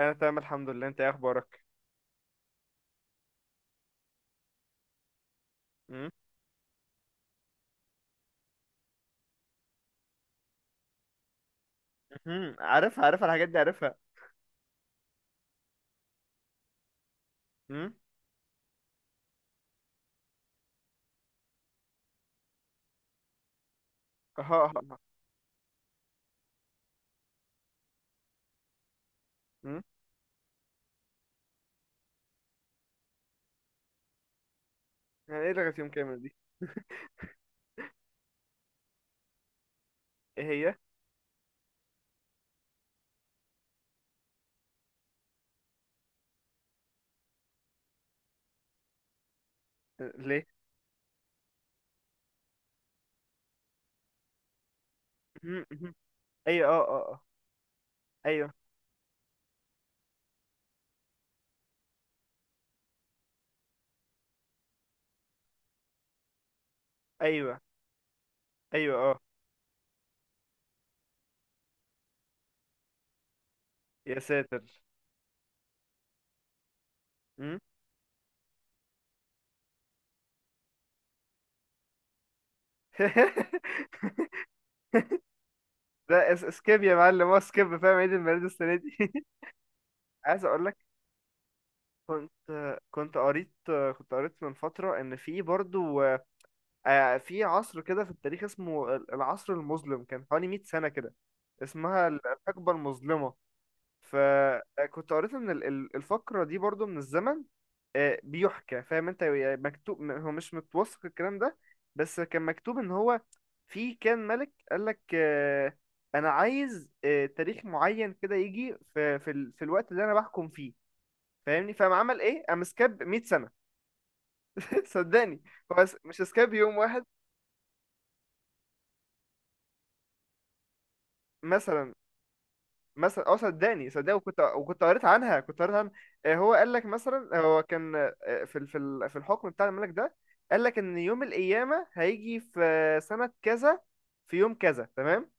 انا تمام الحمد لله، انت ايه اخبارك؟ امم. مهم. عارفها الحاجات دي عارفها. امم. اه، اه، اه. امم. يعني ايه لغة يوم كامل دي؟ ايه هي؟ ليه؟ امم، امم. ايوه، اه، اه، اه. ايوه. ايوه، ايوه، اه. يا ساتر! امم. ده اس سكيب يا معلم، هو سكيب، فاهم؟ عيد الميلاد السنه دي. عايز اقول لك، كنت كنت قريت كنت قريت من فتره ان في برضو في عصر كده في التاريخ اسمه العصر المظلم، كان حوالي 100 سنه كده، اسمها الحقبه المظلمه. فكنت قريت ان الفقرة دي برضو من الزمن. بيحكى، فاهم انت، يعني مكتوب، هو مش متوثق الكلام ده. بس كان مكتوب ان هو في كان ملك، قال لك انا عايز تاريخ معين كده يجي في الوقت اللي انا بحكم فيه. فاهمني؟ فقام عمل ايه؟ قام سكاب 100 سنة. صدقني. هو مش سكاب يوم واحد. مثلا مثلا، اه، صدقني صدقني، وكنت قريت عنها. هو قال لك مثلا، هو كان في الحكم بتاع الملك ده، قال لك ان يوم القيامه هيجي في سنه كذا، في يوم كذا، تمام.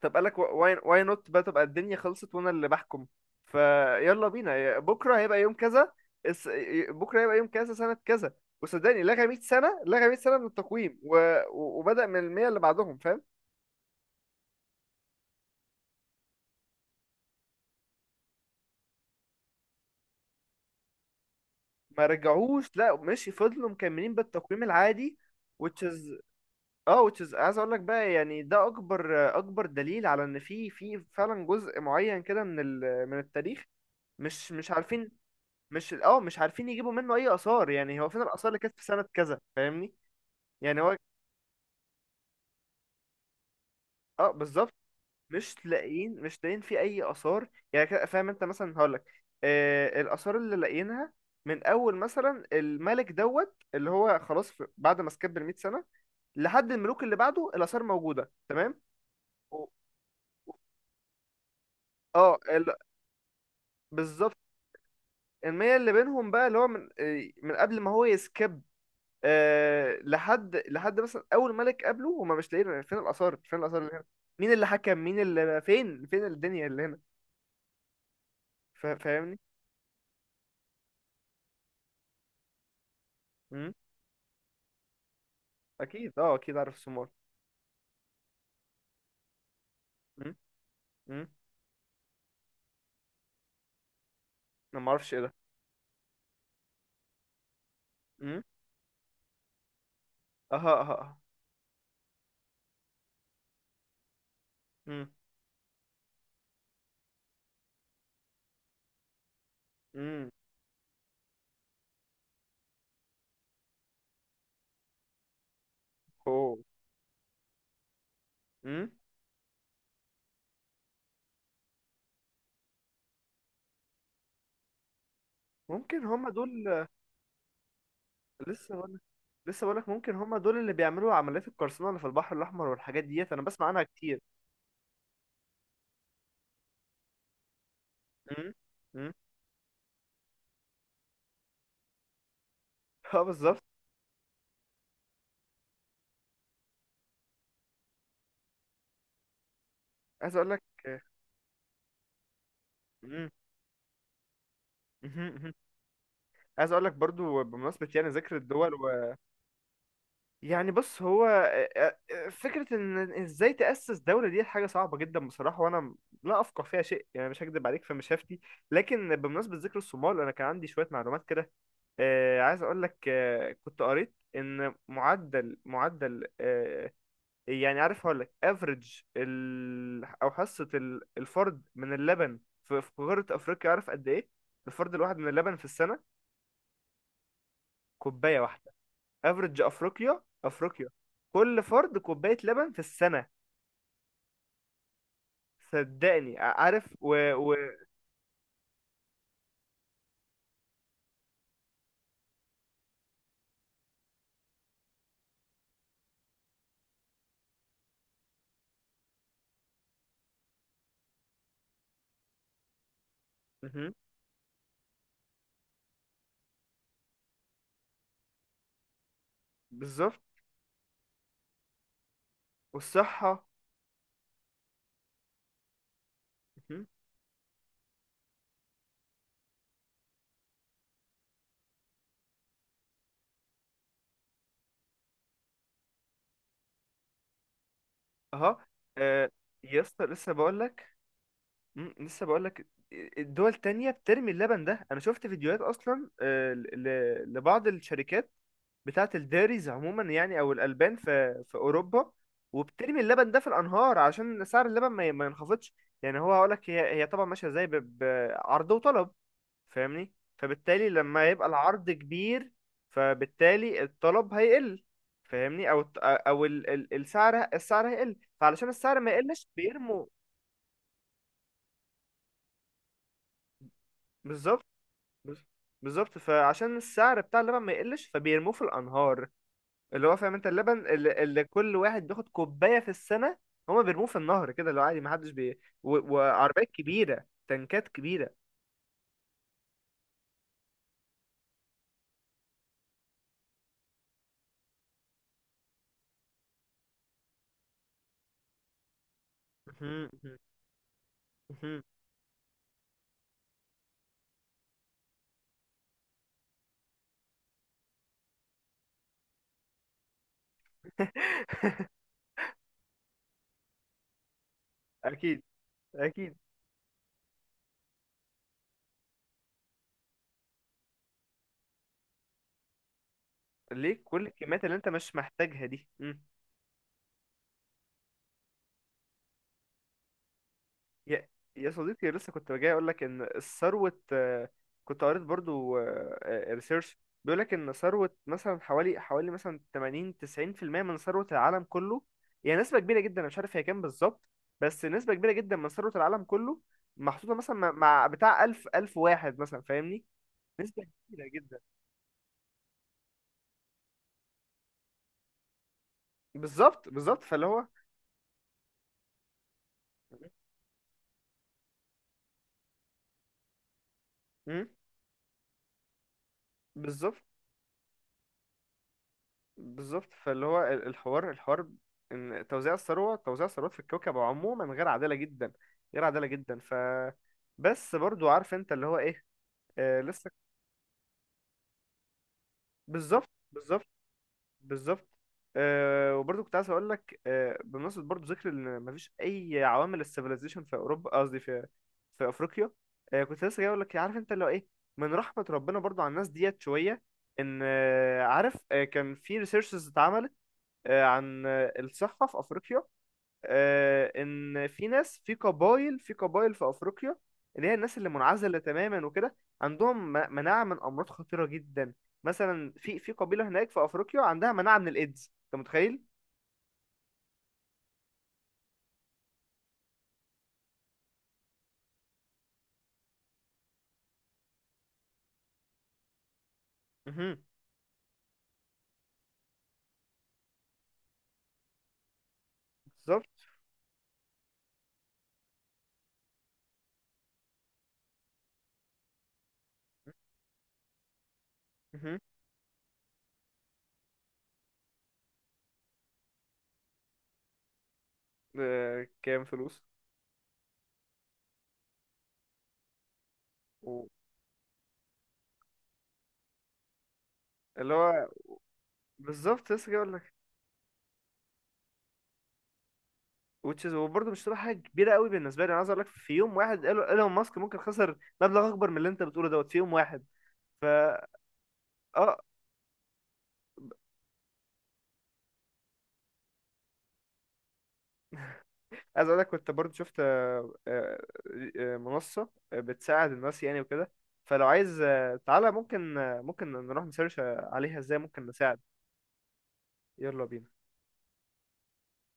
طب قال لك واي واي نوت بقى، تبقى الدنيا خلصت وانا اللي بحكم؟ فيلا بينا، بكره هيبقى يوم كذا. بكره هيبقى يوم كذا سنه كذا. وصدقني لغى 100 سنه، لغى 100 سنه من التقويم. وبدأ من ال 100 اللي بعدهم، فاهم؟ ما رجعوش، لا، ماشي، فضلوا مكملين بالتقويم العادي. which is. اه، which is، عايز اقول لك بقى، يعني ده اكبر اكبر دليل على ان في فعلا جزء معين كده من التاريخ. مش عارفين. مش عارفين يجيبوا منه اي اثار. يعني هو، فين الاثار اللي كانت في سنة كذا، فاهمني؟ يعني هو، اه، بالظبط. مش لاقيين في اي اثار. يعني كده، فاهم انت، مثلا هقول لك الاثار اللي لاقيينها من اول مثلا الملك دوت، اللي هو خلاص، بعد ما سكب ال 100 سنة لحد الملوك اللي بعده، الآثار موجودة تمام. و- اه ال- بالظبط. المية اللي بينهم بقى، اللي هو من من قبل ما هو يسكب، لحد مثلا أول ملك قبله، هما مش لاقيين فين الآثار، فين الآثار اللي هنا. مين اللي حكم؟ مين اللي، فين الدنيا اللي هنا؟ فاهمني؟ مم؟ أكيد، عارف السومار. مم؟ مم؟ أنا معرفش إيه ده. مم؟ أها، أها، أها. مم؟ مم؟ أوه. مم؟ ممكن هما دول. لسه بقول لسه بقولك ممكن هما دول اللي بيعملوا عمليات القرصنة اللي في البحر الأحمر، والحاجات ديت أنا بسمع عنها كتير. امم، امم. اه، بالظبط. عايز أقولك. امم، مهم، مهم. عايز أقولك برضو، بمناسبة يعني ذكر الدول. و... يعني بص هو، فكرة إن إزاي تأسس دولة دي حاجة صعبة جدا بصراحة، وأنا لا أفقه فيها شيء يعني، مش هكدب عليك في مشافتي. لكن بمناسبة ذكر الصومال، أنا كان عندي شوية معلومات كده. عايز أقولك، كنت قريت إن معدل، يعني عارف، هقول لك افريج او حصه الفرد من اللبن في قاره افريقيا، عارف قد ايه؟ الفرد الواحد من اللبن في السنه، كوبايه واحده. افريج افريقيا، افريقيا. كل فرد كوبايه لبن في السنه. صدقني، عارف. مهم. بالظبط. والصحه. مهم. اها. آه، يسطا، لسه بقول لك. مم، لسه بقول لك، الدول التانية بترمي اللبن ده. انا شفت فيديوهات اصلا، لبعض الشركات بتاعة الديريز عموما يعني، او الالبان في اوروبا، وبترمي اللبن ده في الانهار عشان سعر اللبن ما ينخفضش. يعني هو، هقول لك هي طبعا ماشية ازاي، بعرض وطلب. فاهمني؟ فبالتالي لما يبقى العرض كبير، فبالتالي الطلب هيقل. فاهمني؟ او الت- او ال- ال- السعر هيقل، فعلشان السعر ما يقلش بيرموا. بالظبط. بز- بالظبط، فعشان السعر بتاع اللبن ما يقلش فبيرموه في الانهار، اللي هو، فاهم انت، اللبن اللي كل واحد بياخد كوبايه في السنه، هما بيرموه في النهر كده، اللي هو عادي، ما حدش وعربيات كبيره، تنكات كبيره. مهم، مهم، مهم. اكيد، اكيد. ليه كل الكميات اللي انت مش محتاجها دي؟ يا يا صديقي، لسه كنت جاي اقول لك ان ثروه، كنت قريت برضو ريسيرش بيقول لك ان ثروه مثلا حوالي مثلا 80 90% من ثروه العالم كله، يعني نسبه كبيره جدا، انا مش عارف هي كام بالظبط. بس نسبه كبيره جدا من ثروه العالم كله، محطوطه مثلا مع بتاع 1000 1000 واحد مثلا، فاهمني؟ نسبه كبيره جدا. بالظبط، بالظبط، فاللي هو مم. بالظبط، بالظبط، فاللي هو الحوار، الحوار ان توزيع الثروات في الكوكب عموما غير عادله جدا، غير عادله جدا. ف بس برضو، عارف انت اللي هو ايه، لسه. بالظبط، بالظبط، بالظبط. وبرضو كنت عايز اقول لك، بمناسبه برضو ذكر ان مفيش اي عوامل السيفيلايزيشن في اوروبا، قصدي في في افريقيا. كنت لسه جاي اقول لك إيه، عارف انت اللي هو ايه. من رحمه ربنا برضو على الناس ديت شويه، ان عارف، كان في ريسيرشز اتعملت عن الصحة في أفريقيا. ان في ناس في قبائل في افريقيا، اللي هي الناس اللي منعزله تماما وكده، عندهم مناعه من امراض خطيره جدا. مثلا في قبيله هناك في افريقيا عندها مناعه من الايدز، انت متخيل؟ مهم. بالظبط. مهم. كام فلوس؟ و- اللي هو بالظبط، لسه جاي اقول لك. which is، وبرضه مش تبقى حاجه كبيره قوي بالنسبه لي، انا عايز اقول لك في يوم واحد إيلون ماسك ممكن خسر مبلغ اكبر من اللي انت بتقوله دوت في يوم واحد. فا اه عايز اقول لك، كنت برضو شفت منصة بتساعد الناس يعني وكده، فلو عايز تعالى، ممكن ممكن نروح نسيرش عليها ازاي ممكن نساعد. يلا بينا.